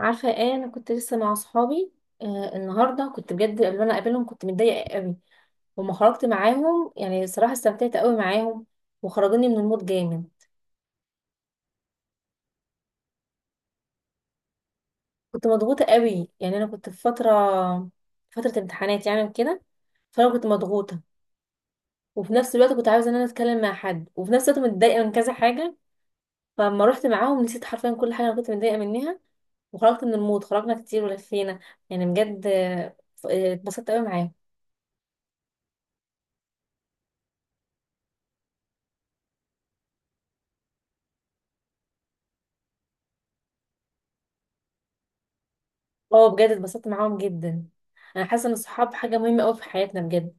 عارفه ايه؟ انا كنت لسه مع اصحابي. آه، النهارده كنت بجد اللي انا قابلهم كنت متضايقه قوي وما خرجت معاهم. يعني صراحه استمتعت قوي معاهم وخرجوني من المود جامد. كنت مضغوطه قوي، يعني انا كنت في فتره امتحانات يعني وكده. فانا كنت مضغوطه، وفي نفس الوقت كنت عايزه ان انا اتكلم مع حد، وفي نفس الوقت متضايقه من كذا حاجه. فلما رحت معاهم نسيت حرفيا كل حاجه انا كنت متضايقه منها، وخرجت من المود. خرجنا كتير ولفينا، يعني بجد آه، اتبسطت قوي معاهم. اه بجد اتبسطت معاهم جدا. انا حاسه ان الصحاب حاجه مهمه قوي في حياتنا بجد.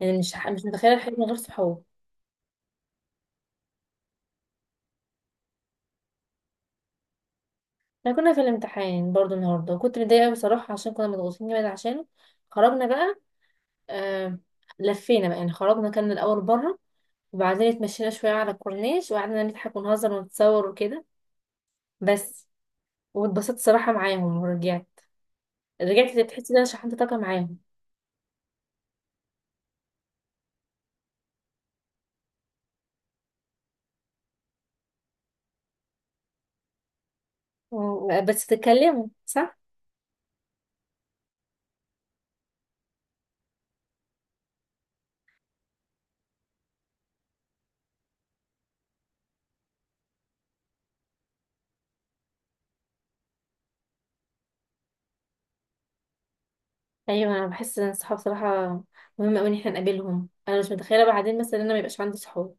يعني مش متخيله الحياه من غير صحاب. احنا كنا في الامتحان برضو النهارده وكنت متضايقه قوي بصراحه، عشان كنا مضغوطين جامد عشانه. خرجنا بقى، آه... لفينا بقى. يعني خرجنا، كان الاول بره، وبعدين اتمشينا شويه على الكورنيش وقعدنا نضحك ونهزر ونتصور وكده بس. واتبسطت صراحه معاهم ورجعت. رجعت تحسي ان انا شحنت طاقه معاهم. بس تتكلموا صح. ايوه انا بحس ان الصحاب صراحه مهم قوي ان احنا نقابلهم. انا مش متخيله بعدين مثلا ان انا ما يبقاش عندي صحاب.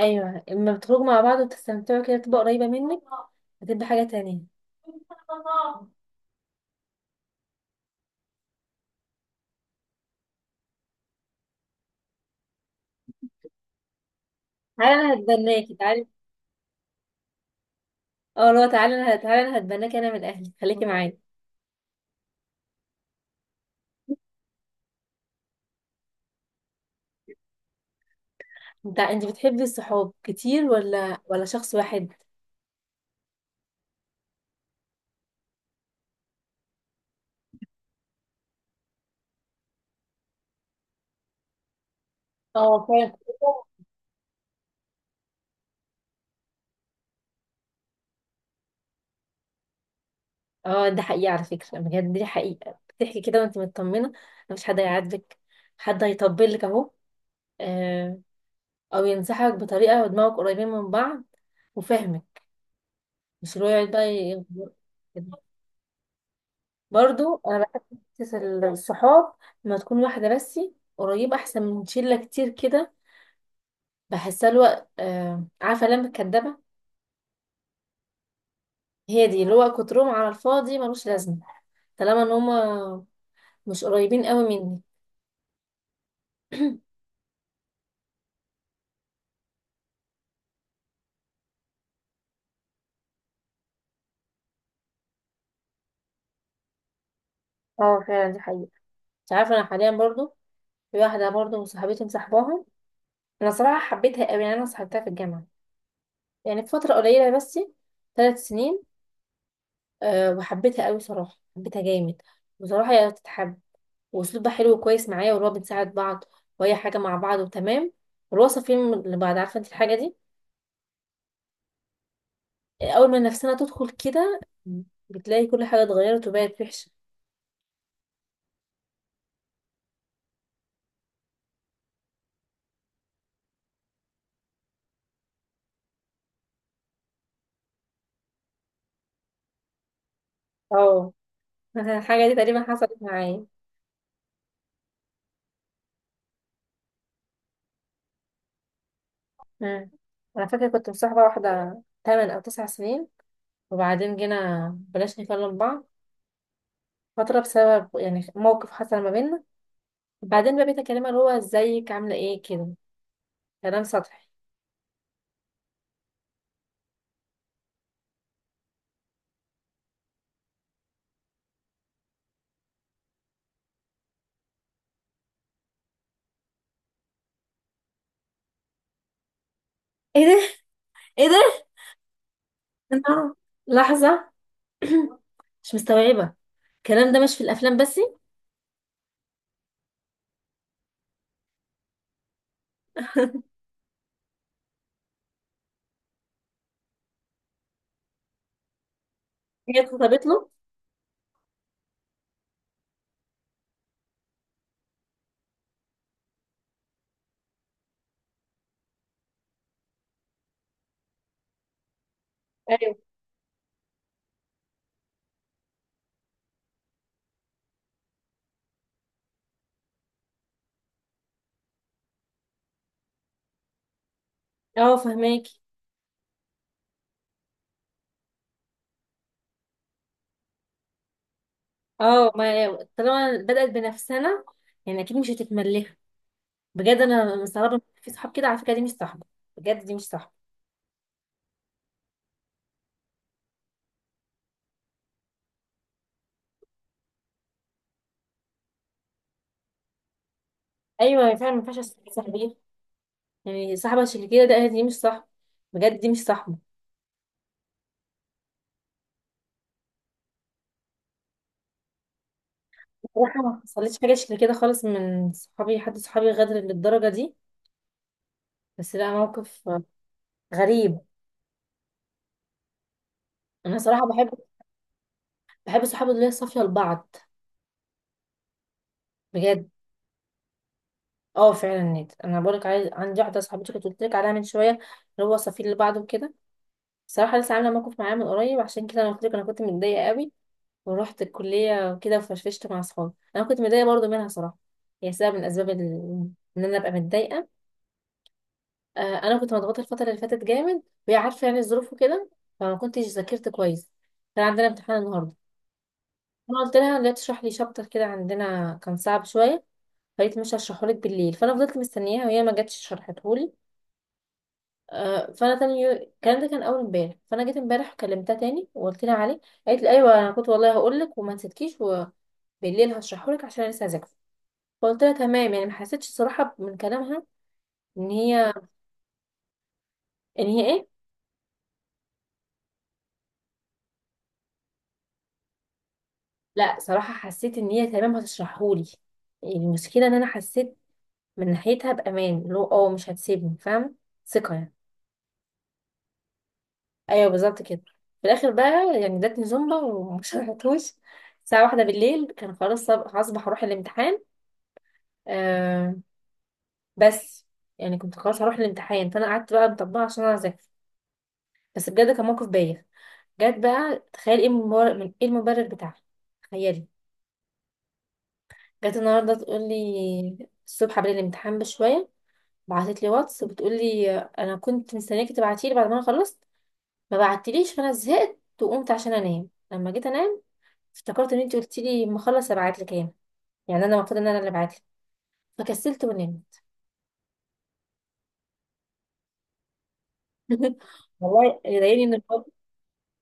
ايوه، لما بتخرجوا مع بعض وتستمتعوا كده تبقى قريبه منك، هتبقى حاجه تانية. تعالى انا هتبناكي، تعالى. اه لا، تعالى انا، تعالى انا هتبناكي انا من اهلي، خليكي معايا. انت انت بتحبي الصحاب كتير ولا شخص واحد؟ اه فعلا. اه ده حقيقه، على فكره بجد دي حقيقه، بتحكي كده وانت مطمنه. مفيش حد هيعاتبك، حد هيطبل لك اهو، آه، او ينصحك بطريقه، ودماغك قريبين من بعض وفهمك. مش اللي هو يقعد بقى كده. برضو انا بحب حته الصحاب لما تكون واحده بس قريبه، احسن من شله كتير كده. بحسها الوقت آه، عارفه لما الكدابه، هي دي اللي هو كترهم على الفاضي ملوش لازمه، طالما ان هما مش قريبين قوي مني. اه فعلا دي حقيقة. انت عارفة انا حاليا برضو في واحدة برضو صاحبتي مصاحباها. انا صراحة حبيتها قوي، يعني انا صاحبتها في الجامعة، يعني في فترة قليلة بس، 3 سنين. أه وحبيتها قوي صراحة، حبيتها جامد. بصراحة هي تتحب، واسلوبها حلو كويس معايا، واللي هو بنساعد بعض وهي حاجة مع بعض وتمام. والوصف فيلم اللي بعد، عارفة انت الحاجة دي؟ آه، اول ما نفسنا تدخل كده بتلاقي كل حاجة اتغيرت وبقت وحشة. اه الحاجة دي تقريبا حصلت معايا. مم. انا فاكرة كنت مصاحبة واحدة 8 او 9 سنين، وبعدين جينا بلاش نكلم بعض فترة، بسبب يعني موقف حصل ما بيننا. بعدين بقى بقيت اكلمها اللي هو ازيك، عاملة ايه كده، كلام سطحي. ايه؟ ايه ده؟ أنا- لحظة. مش مستوعبة. الكلام ده مش في الافلام بس؟ هي اتخطبت له؟ ايوه. اه فهماكي. اه ما طالما بدأت بنفسنا يعني اكيد مش هتتملها. بجد انا مستغربة إن في صحاب كده. على فكرة دي مش صاحبة، بجد دي مش صاحبة. ايوه فعلا، ما ينفعش أسيب صاحبي. يعني صاحبة شكل كده ده دي مش صاحبة، بجد دي مش صاحبة. بصراحة ما حصلتش حاجة شكل كده خالص من صحابي، حد صحابي غدر للدرجة دي، بس لا موقف غريب. انا صراحة بحب، بحب الصحاب اللي هي صافية لبعض، بجد. اه فعلا نيت، انا بقولك عايز عندي واحدة صاحبتي كنت قلت لك عليها من شوية، اللي هو صافي لبعض وكده. بصراحة لسه عاملة موقف معايا من قريب، عشان كده انا قلت لك انا كنت متضايقة قوي. ورحت الكلية وكده وفشفشت مع اصحابي. انا كنت متضايقة برضو منها صراحة، هي سبب من الاسباب ان انا ابقى متضايقة. آه انا كنت مضغوطة الفترة اللي فاتت جامد، وهي عارفة يعني الظروف وكده. فما كنتش ذاكرت كويس. كان عندنا امتحان النهاردة. انا قلت لها لا تشرح لي شابتر كده عندنا كان صعب شوية. قالت مش هشرحهولك بالليل، فانا فضلت مستنياها وهي ما جاتش شرحتهولي. آه، فانا الكلام ده كان اول امبارح، فانا جيت امبارح كلمتها تاني وقلت لها عليه. قالت لي ايوه انا كنت والله هقول لك وما نسيتكيش، وبالليل هشرحهولك عشان أنا لسه هذاكر. فقلت لها تمام. يعني ما حسيتش صراحه من كلامها ان هي، ان هي. لا صراحه حسيت ان هي تمام هتشرحهولي. يعني المشكله ان انا حسيت من ناحيتها بامان، اللي هو اه مش هتسيبني، فاهم، ثقه يعني. ايوه بالظبط كده. في الاخر بقى يعني ادتني زومبا وما شرحتوش. الساعه واحدة بالليل كان خلاص هصبح اروح الامتحان. آه بس. يعني كنت خلاص هروح الامتحان فانا قعدت بقى مطبقه عشان انا اذاكر. بس بجد كان موقف بايخ. جت بقى تخيل ايه المبرر، من ايه المبرر بتاعها؟ تخيلي. جت النهارده تقول لي الصبح قبل الامتحان بشويه، بعتت لي واتس بتقول لي انا كنت مستنياكي تبعتي لي بعد ما انا خلصت، ما بعتليش، فانا زهقت وقمت عشان انام. لما جيت انام افتكرت ان انت قلتي لي ما اخلص ابعت لك انا، يعني انا المفروض ان انا اللي ابعت لك، فكسلت ونمت. والله اللي ضايقني من الموقف،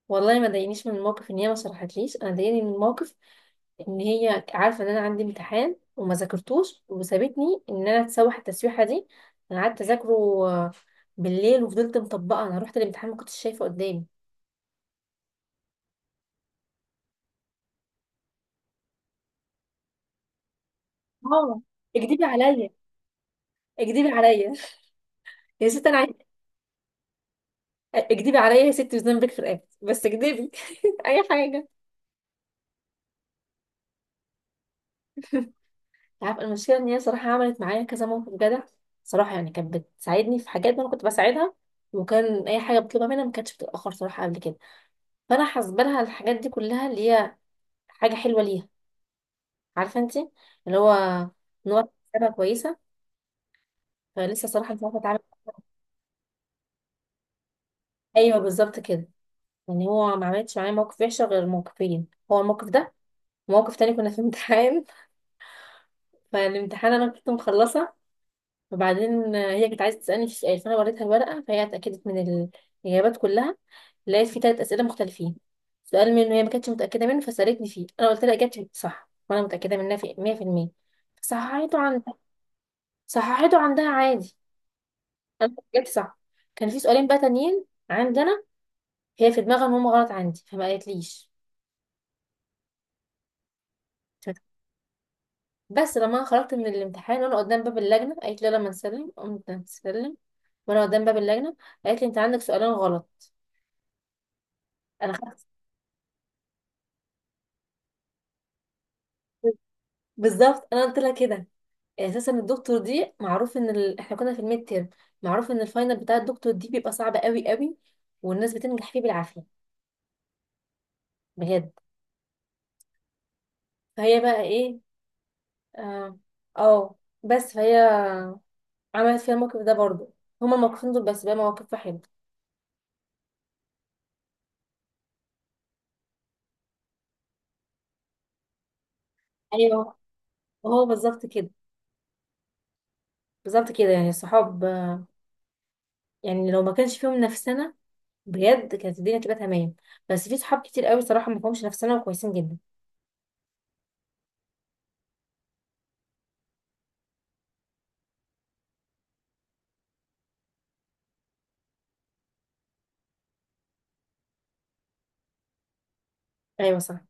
والله ما ضايقنيش من الموقف ان هي ما شرحتليش، انا ضايقني من الموقف ان هي عارفه ان انا عندي امتحان وما ذاكرتوش، وسابتني ان انا اتسوح التسويحه دي. انا قعدت اذاكره آه، بالليل، وفضلت مطبقه. انا رحت الامتحان ما كنتش شايفه قدامي. اه، اكدبي عليا، اكدبي عليا. يا ست انا عايز، اكدبي عليا يا ست وذنبك في رقبتي بس اكدبي. اي حاجه. عارف المشكله ان هي صراحه عملت معايا كذا موقف جدع. صراحه يعني كانت بتساعدني في حاجات انا كنت بساعدها، وكان اي حاجه بطلبها منها ما كانتش بتتاخر صراحه قبل كده. فانا حاسبه لها الحاجات دي كلها اللي هي حاجه حلوه ليها. عارفه انت، اللي هو ان هو حسابها كويسه. فلسه صراحه مش عارفه اتعامل. ايوه بالظبط كده. يعني هو ما عملتش معايا موقف وحشه غير موقفين، هو الموقف ده وموقف تاني كنا في امتحان. فالامتحان انا كنت مخلصه، وبعدين هي كانت عايزه تسالني في سؤال. فانا وريتها الورقه فهي اتاكدت من الاجابات كلها. لقيت فيه تلات اسئله مختلفين، سؤال منه هي ما كانتش متاكده منه فسالتني فيه، انا قلت لها اجابتي صح وانا متاكده منها في 100%، صححته عندها، صححته عندها عادي، انا اجابتي صح. كان في سؤالين بقى تانيين عندنا، هي في دماغها ان هم غلط عندي فما قالتليش. بس لما انا خرجت من الامتحان وانا قدام باب اللجنه قالت لي لما نسلم. قمت نسلم وانا قدام باب اللجنه، قالت لي انت عندك سؤالين غلط. انا خدت، بالظبط انا قلت لها كده. يعني اساسا الدكتور دي معروف ان احنا كنا في الميد تيرم. معروف ان الفاينل بتاع الدكتور دي بيبقى صعب قوي قوي، والناس بتنجح فيه بالعافيه، بجد. فهي بقى ايه، اه آه، بس فهي عملت فيها الموقف ده برضه. هما الموقفين دول بس، بقى مواقف واحد. ايوه هو بالظبط كده. بالظبط كده. يعني الصحاب آه، يعني لو ما كانش فيهم نفسنا بجد كانت الدنيا تبقى تمام. بس في صحاب كتير قوي صراحه ما فيهمش نفسنا وكويسين جدا. ايوه صح.